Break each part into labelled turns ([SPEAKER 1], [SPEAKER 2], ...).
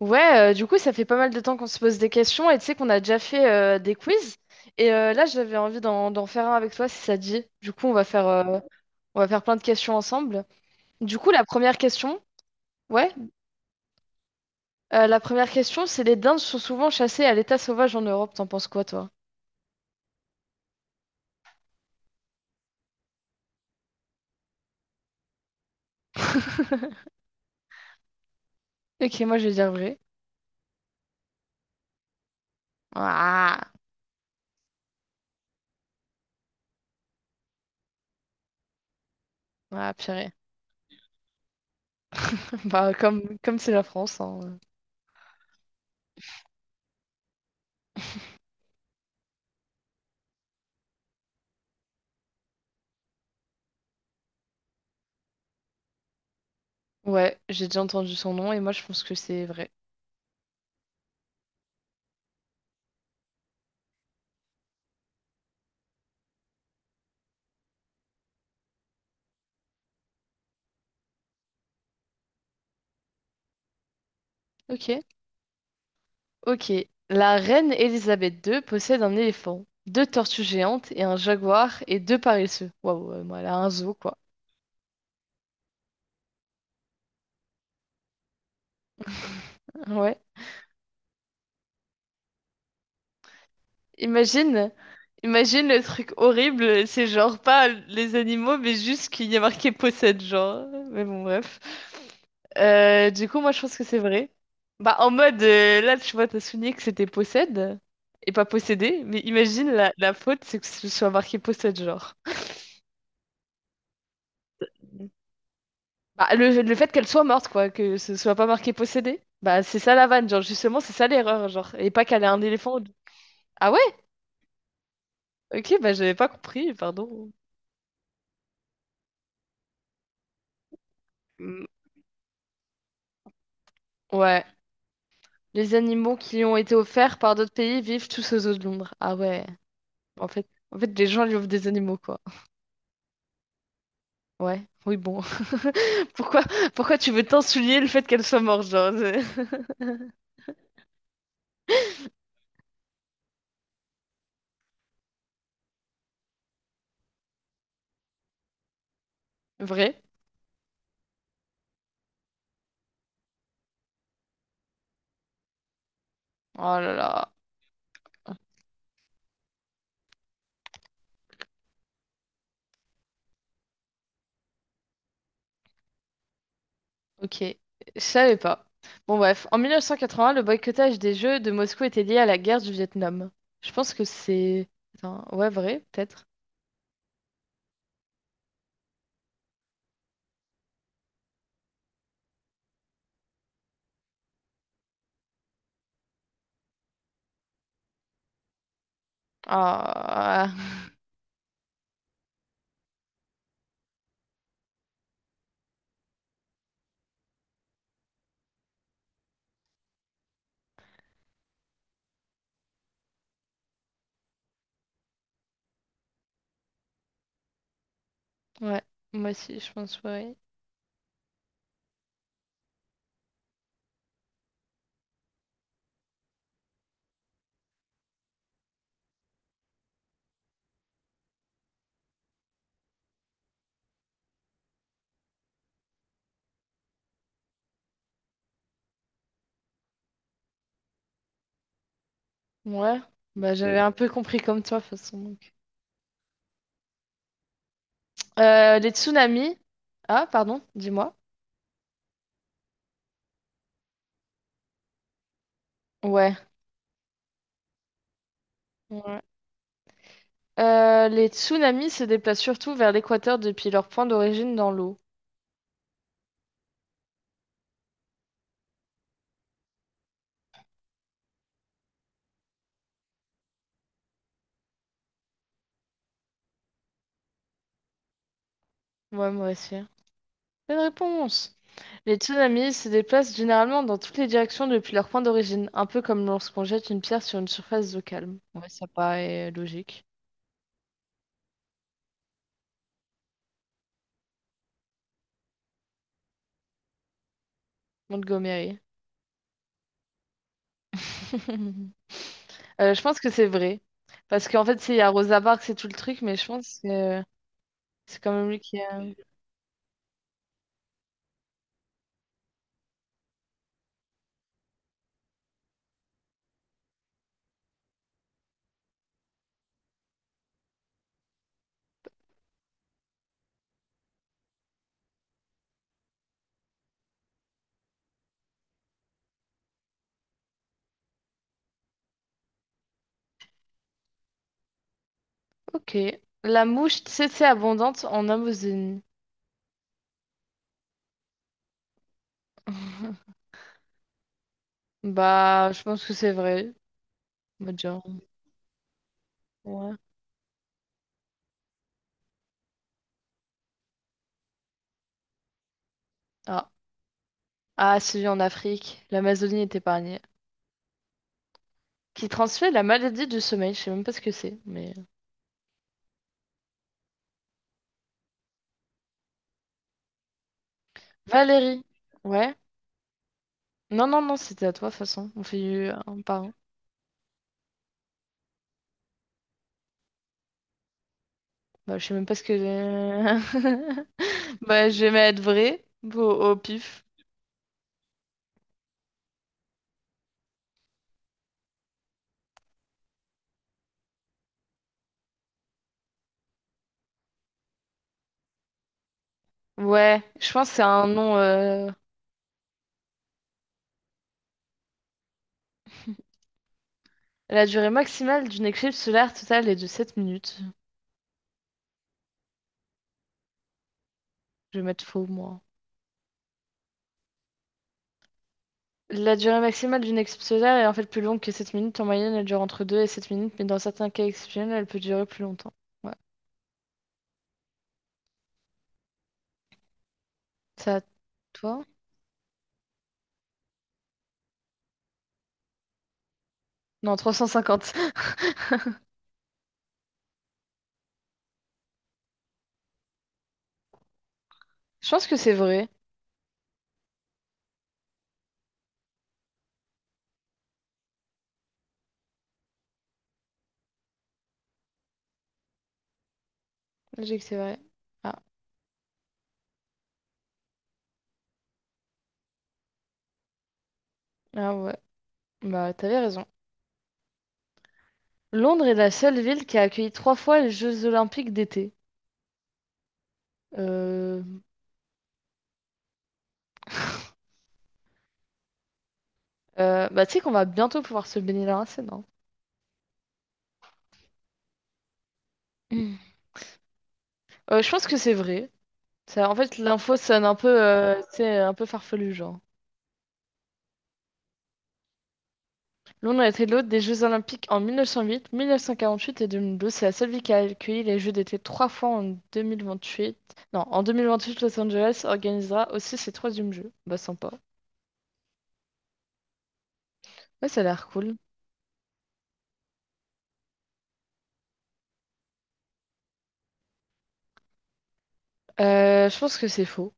[SPEAKER 1] Ouais, du coup, ça fait pas mal de temps qu'on se pose des questions et tu sais qu'on a déjà fait des quiz. Et là, j'avais envie d'en faire un avec toi si ça te dit. Du coup, on va faire plein de questions ensemble. Du coup, la première question, ouais, la première question, c'est les dindes sont souvent chassées à l'état sauvage en Europe. T'en penses quoi, toi? Ok, moi, je vais dire vrai. Ah, ah purée. Bah, comme c'est la France, hein. Ouais, j'ai déjà entendu son nom et moi, je pense que c'est vrai. Ok. Ok. La reine Elisabeth II possède un éléphant, deux tortues géantes et un jaguar et deux paresseux. Waouh, moi, elle a un zoo, quoi. Ouais. Imagine, imagine le truc horrible, c'est genre pas les animaux, mais juste qu'il y a marqué possède, genre. Mais bon, bref. Du coup, moi, je pense que c'est vrai. Bah, en mode, là, tu vois, t'as souligné que c'était possède et pas possédé, mais imagine la faute, c'est que ce soit marqué possède, genre. Bah, le fait qu'elle soit morte, quoi, que ce soit pas marqué possédé, bah c'est ça la vanne, genre justement, c'est ça l'erreur, genre. Et pas qu'elle ait un éléphant, ou deux. Ah ouais? Ok, bah j'avais pas compris, pardon. Mm. Ouais. Les animaux qui lui ont été offerts par d'autres pays vivent tous aux eaux de l'ombre. Ah ouais. En fait, les gens lui offrent des animaux, quoi. Ouais. Oui, bon. Pourquoi, pourquoi tu veux tant souligner le fait qu'elle soit morte, genre? C'est- Vrai? Oh là là. Ok, je savais pas. Bon bref, en 1980, le boycottage des Jeux de Moscou était lié à la guerre du Vietnam. Je pense que c'est... Attends, ouais, vrai, peut-être. Ah, ouais, moi aussi, je pense vrai. Ouais, bah j'avais un peu compris comme toi, de toute façon, donc. Les tsunamis... Ah, pardon, dis-moi. Ouais. Ouais. Les tsunamis se déplacent surtout vers l'équateur depuis leur point d'origine dans l'eau. Ouais, moi aussi. Bonne réponse. Les tsunamis se déplacent généralement dans toutes les directions depuis leur point d'origine, un peu comme lorsqu'on jette une pierre sur une surface d'eau calme. Ouais, ça paraît logique. Montgomery. Je pense que c'est vrai. Parce qu'en fait, il y a Rosa Parks et tout le truc, mais je pense que c'est quand même lui qui a... Ok. La mouche tsetse abondante en Amazonie. Bah, je pense que c'est vrai. Mode genre. Ouais. Ah. Ah, celui en Afrique. L'Amazonie est épargnée. Qui transmet la maladie du sommeil. Je sais même pas ce que c'est, mais... Valérie. Ouais. Non, non, non, c'était à toi, de toute façon. On fait eu un par un. Bah, je sais même pas ce que... j'ai. Bah, je vais mettre vrai au pif. Ouais, je pense que c'est un nom... La durée maximale d'une éclipse solaire totale est de 7 minutes. Je vais mettre faux, moi. La durée maximale d'une éclipse solaire est en fait plus longue que 7 minutes. En moyenne, elle dure entre 2 et 7 minutes, mais dans certains cas exceptionnels, elle peut durer plus longtemps. Ouais. Ça, toi? Non, 350. Je pense que c'est vrai. Je dis que c'est vrai. Ah, ah ouais. Bah, t'avais raison. Londres est la seule ville qui a accueilli trois fois les Jeux Olympiques d'été. Euh... bah, tu sais qu'on va bientôt pouvoir se baigner là, hein, c'est non? Mm. Je pense que c'est vrai. Ça, en fait, l'info sonne un peu, tu sais, un peu farfelu, genre. Londres a été l'hôte des Jeux Olympiques en 1908, 1948 et 2012. C'est la seule ville qui a accueilli les Jeux d'été trois fois en 2028. Non, en 2028, Los Angeles organisera aussi ses troisièmes Jeux. Bah, sympa. Ouais, ça a l'air cool. Je pense que c'est faux.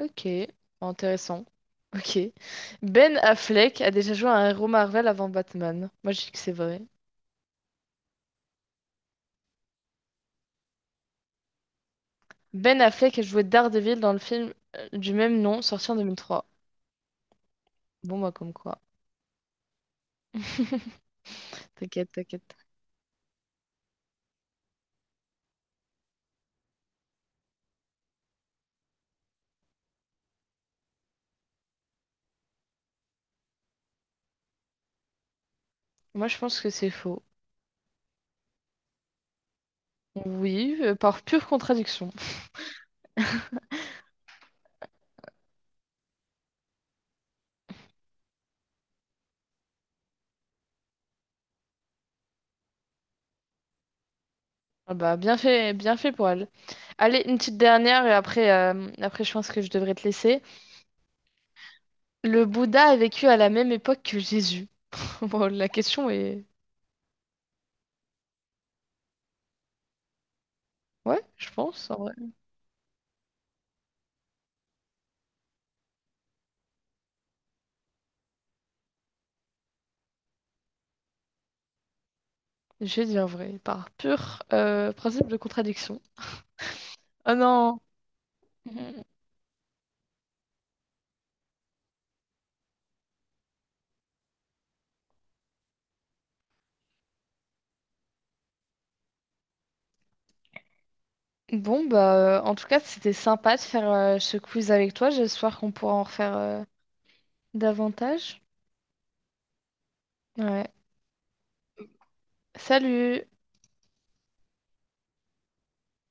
[SPEAKER 1] Ok, intéressant. Ok. Ben Affleck a déjà joué à un héros Marvel avant Batman. Moi, je dis que c'est vrai. Ben Affleck a joué Daredevil dans le film du même nom sorti en 2003. Bon, moi, comme quoi. T'inquiète, t'inquiète. Moi, je pense que c'est faux. Oui, par pure contradiction. Ah, bah, bien fait pour elle. Allez, une petite dernière et après, je pense que je devrais te laisser. Le Bouddha a vécu à la même époque que Jésus. Bon, la question est... Ouais, je pense, hein. Je dis un vrai, par pur principe de contradiction. Ah non! Mhm. Bon, bah, en tout cas, c'était sympa de faire ce quiz avec toi. J'espère qu'on pourra en refaire davantage. Ouais. Salut!